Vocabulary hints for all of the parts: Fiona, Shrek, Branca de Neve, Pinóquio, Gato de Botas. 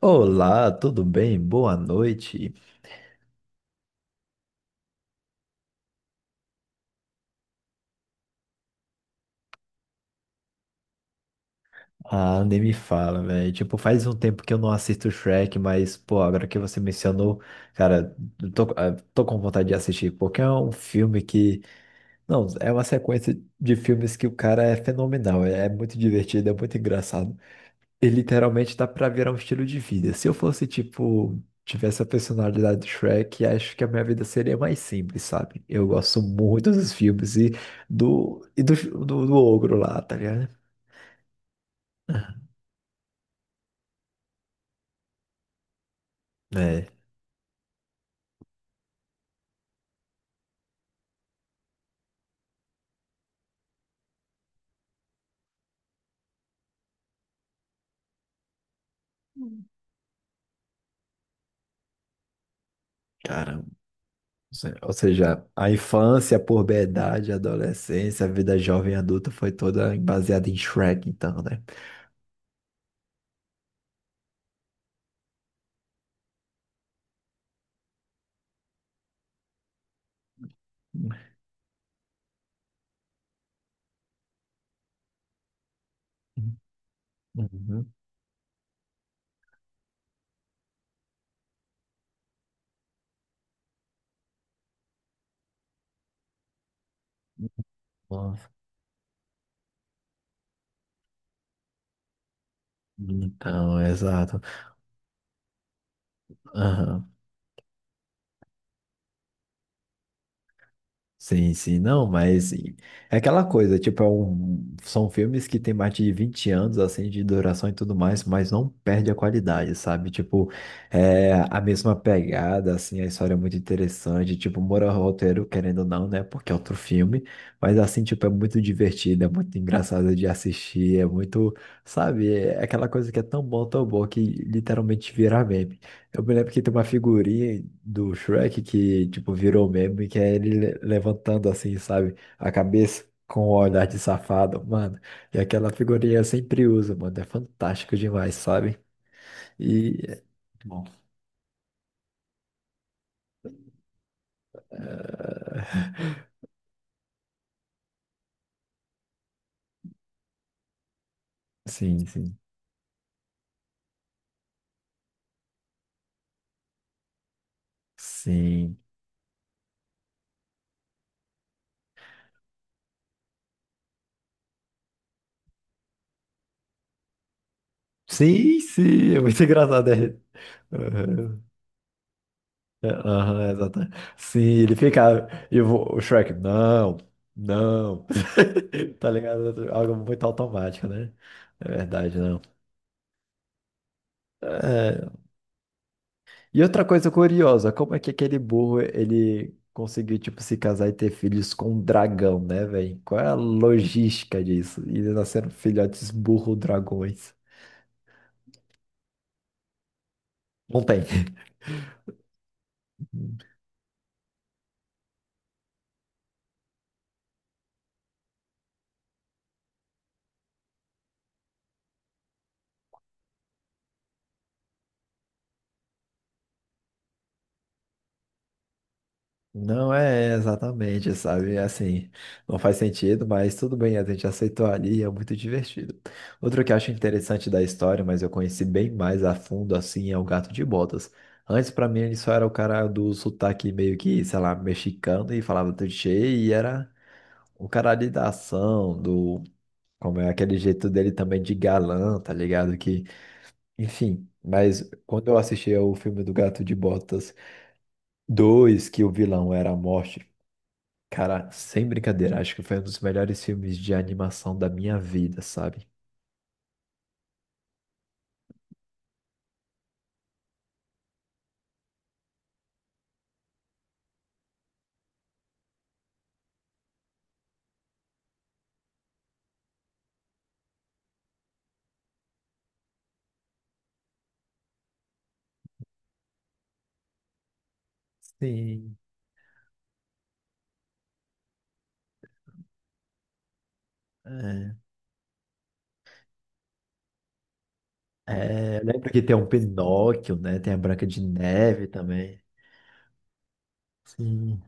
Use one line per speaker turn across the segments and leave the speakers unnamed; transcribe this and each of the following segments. Olá, tudo bem? Boa noite. Ah, nem me fala, velho. Tipo, faz um tempo que eu não assisto Shrek, mas, pô, agora que você mencionou, cara, eu tô com vontade de assistir, porque é um filme que. Não, é uma sequência de filmes que o cara é fenomenal, é muito divertido, é muito engraçado. E literalmente dá pra virar um estilo de vida. Se eu fosse, tipo, tivesse a personalidade do Shrek, acho que a minha vida seria mais simples, sabe? Eu gosto muito dos filmes e do ogro lá, tá ligado? É, caramba. Ou seja, a infância, a puberdade, a adolescência, a vida jovem e adulta foi toda baseada em Shrek, então, né? Uhum. Nossa. Então, exato. Aham. Sim, sim, não, mas é aquela coisa, tipo, são filmes que tem mais de 20 anos, assim, de duração e tudo mais, mas não perde a qualidade, sabe? Tipo, é a mesma pegada, assim, a história é muito interessante, tipo, mora roteiro, querendo ou não, né, porque é outro filme, mas, assim, tipo, é muito divertido, é muito engraçado de assistir, é muito, sabe, é aquela coisa que é tão bom, que literalmente vira meme. Eu me lembro que tem uma figurinha do Shrek que, tipo, virou meme, que é ele levantando assim, sabe? A cabeça com o olhar de safado, mano. E aquela figurinha eu sempre uso, mano. É fantástico demais, sabe? E, Muito bom. Sim, sim, sim. Sim, sim, é muito engraçado. É. Aham, é, aham, exatamente. Sim, ele fica. E o Shrek, não, não. Tá ligado? Algo muito automático, né? É verdade, não. É. E outra coisa curiosa, como é que aquele burro ele conseguiu, tipo, se casar e ter filhos com um dragão, né, velho? Qual é a logística disso? E eles nasceram filhotes burro-dragões. Não tem. Não é exatamente, sabe? É. Assim, não faz sentido, mas tudo bem, a gente aceitou ali e é muito divertido. Outro que eu acho interessante da história, mas eu conheci bem mais a fundo, assim, é o Gato de Botas. Antes, pra mim, ele só era o cara do sotaque meio que, sei lá, mexicano e falava tudo cheio e era o cara ali da ação, do. Como é aquele jeito dele também de galã, tá ligado? Que, enfim, mas quando eu assisti ao filme do Gato de Botas 2, que o vilão era a morte. Cara, sem brincadeira, acho que foi um dos melhores filmes de animação da minha vida, sabe? Sim. É, Lembra que tem um Pinóquio, né? Tem a Branca de Neve também. Sim.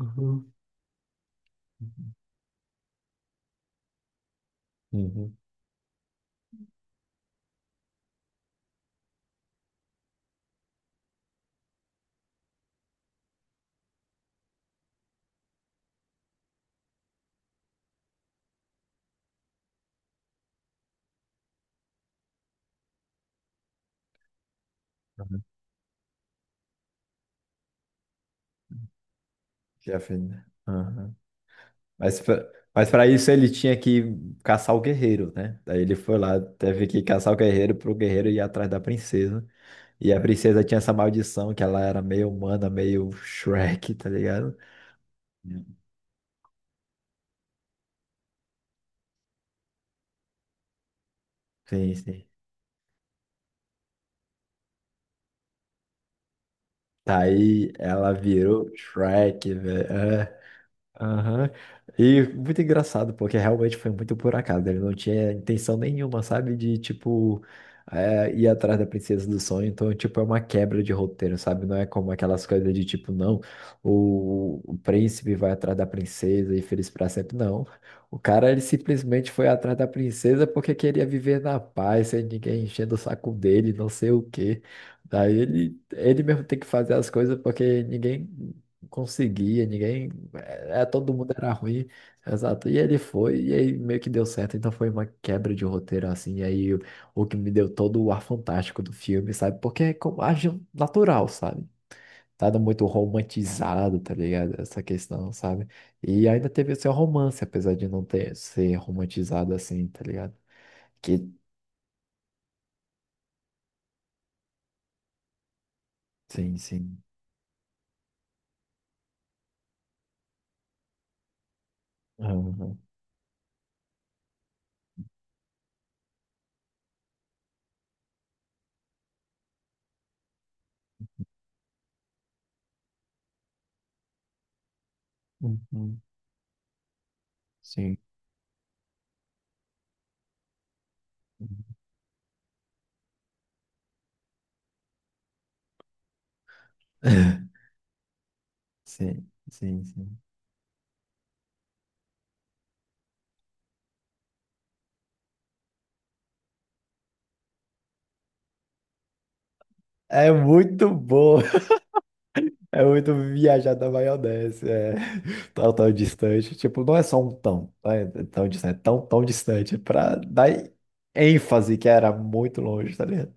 Uhum. Uhum. Uhum. Já fez, né? Aham. Mas, pra- mas para isso ele tinha que caçar o guerreiro, né? Daí ele foi lá, teve que caçar o guerreiro pro guerreiro ir atrás da princesa. E a princesa tinha essa maldição que ela era meio humana, meio Shrek, tá ligado? Sim, sim. Tá aí, ela virou Shrek, velho. Aham. E muito engraçado, porque realmente foi muito por acaso, né? Ele não tinha intenção nenhuma, sabe? De, tipo, é, ir atrás da princesa do sonho. Então, tipo, é uma quebra de roteiro, sabe? Não é como aquelas coisas de, tipo, não, o príncipe vai atrás da princesa e feliz pra sempre. Não. O cara, ele simplesmente foi atrás da princesa porque queria viver na paz, sem ninguém enchendo o saco dele, não sei o quê. Daí ele mesmo tem que fazer as coisas porque ninguém conseguia, ninguém, todo mundo era ruim, exato. E ele foi, e aí meio que deu certo, então foi uma quebra de roteiro assim, e aí o que me deu todo o ar fantástico do filme, sabe? Porque é como age natural, sabe? Nada muito romantizado, tá ligado? Essa questão, sabe? E ainda teve o seu romance, apesar de não ter ser romantizado assim, tá ligado? Que sim, sim. Aham. Uhum. Sim. Sim, sim, sim. É muito bom. É muito viajar da maionese, é tão, tão distante. Tipo, não é só um tão, não é tão distante, é tão, tão distante, pra dar ênfase que era muito longe, tá ligado?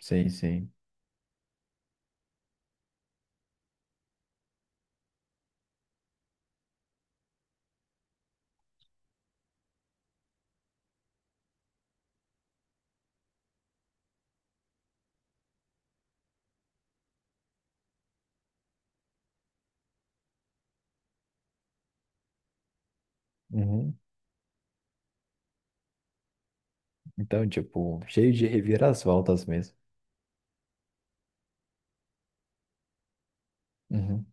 Sim, sim. Uhum. Então, tipo, cheio de reviravoltas mesmo. Uhum.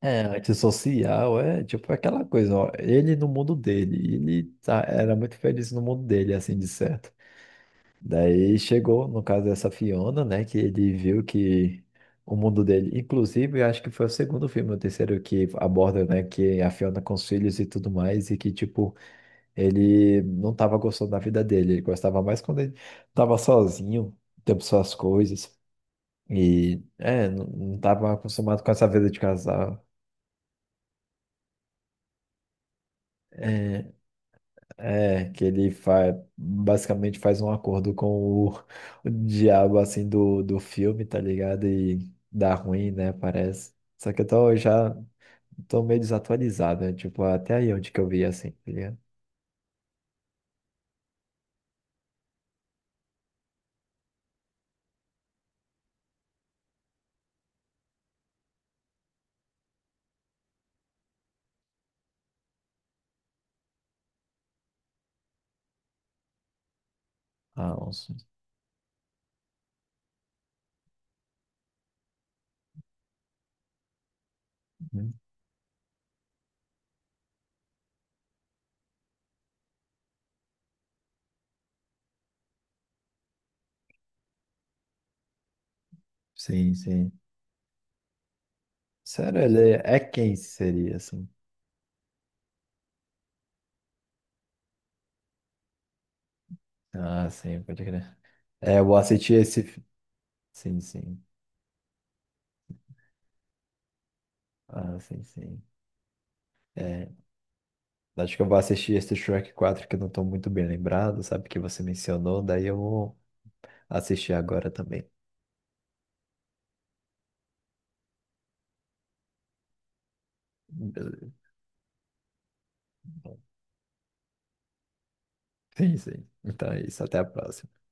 É, antissocial é tipo aquela coisa, ó, ele no mundo dele, ele tá, era muito feliz no mundo dele, assim, de certo. Daí chegou, no caso dessa Fiona, né, que ele viu que o mundo dele, inclusive, eu acho que foi o segundo filme, o terceiro que aborda, né, que a Fiona com os filhos e tudo mais, e que, tipo, ele não tava gostando da vida dele, ele gostava mais quando ele tava sozinho, tendo suas coisas, e, é, não, não tava acostumado com essa vida de casal. É, É. Que ele faz, basicamente faz um acordo com o, o diabo, assim, do filme, tá ligado? E dá ruim, né, parece. Só que eu tô, já tô meio desatualizado, né? Tipo, até aí onde que eu vi, assim, tá ligado? Ah, uhum. Sim, sim. Sério, ele é quem seria, assim? Ah, sim, pode crer. É, eu vou assistir esse. Sim, sim. Ah, sim, sim. É, acho que eu vou assistir esse Shrek 4 que eu não tô muito bem lembrado, sabe? Que você mencionou, daí eu vou assistir agora também. Beleza. Sim, sim. Então é isso. Até a próxima.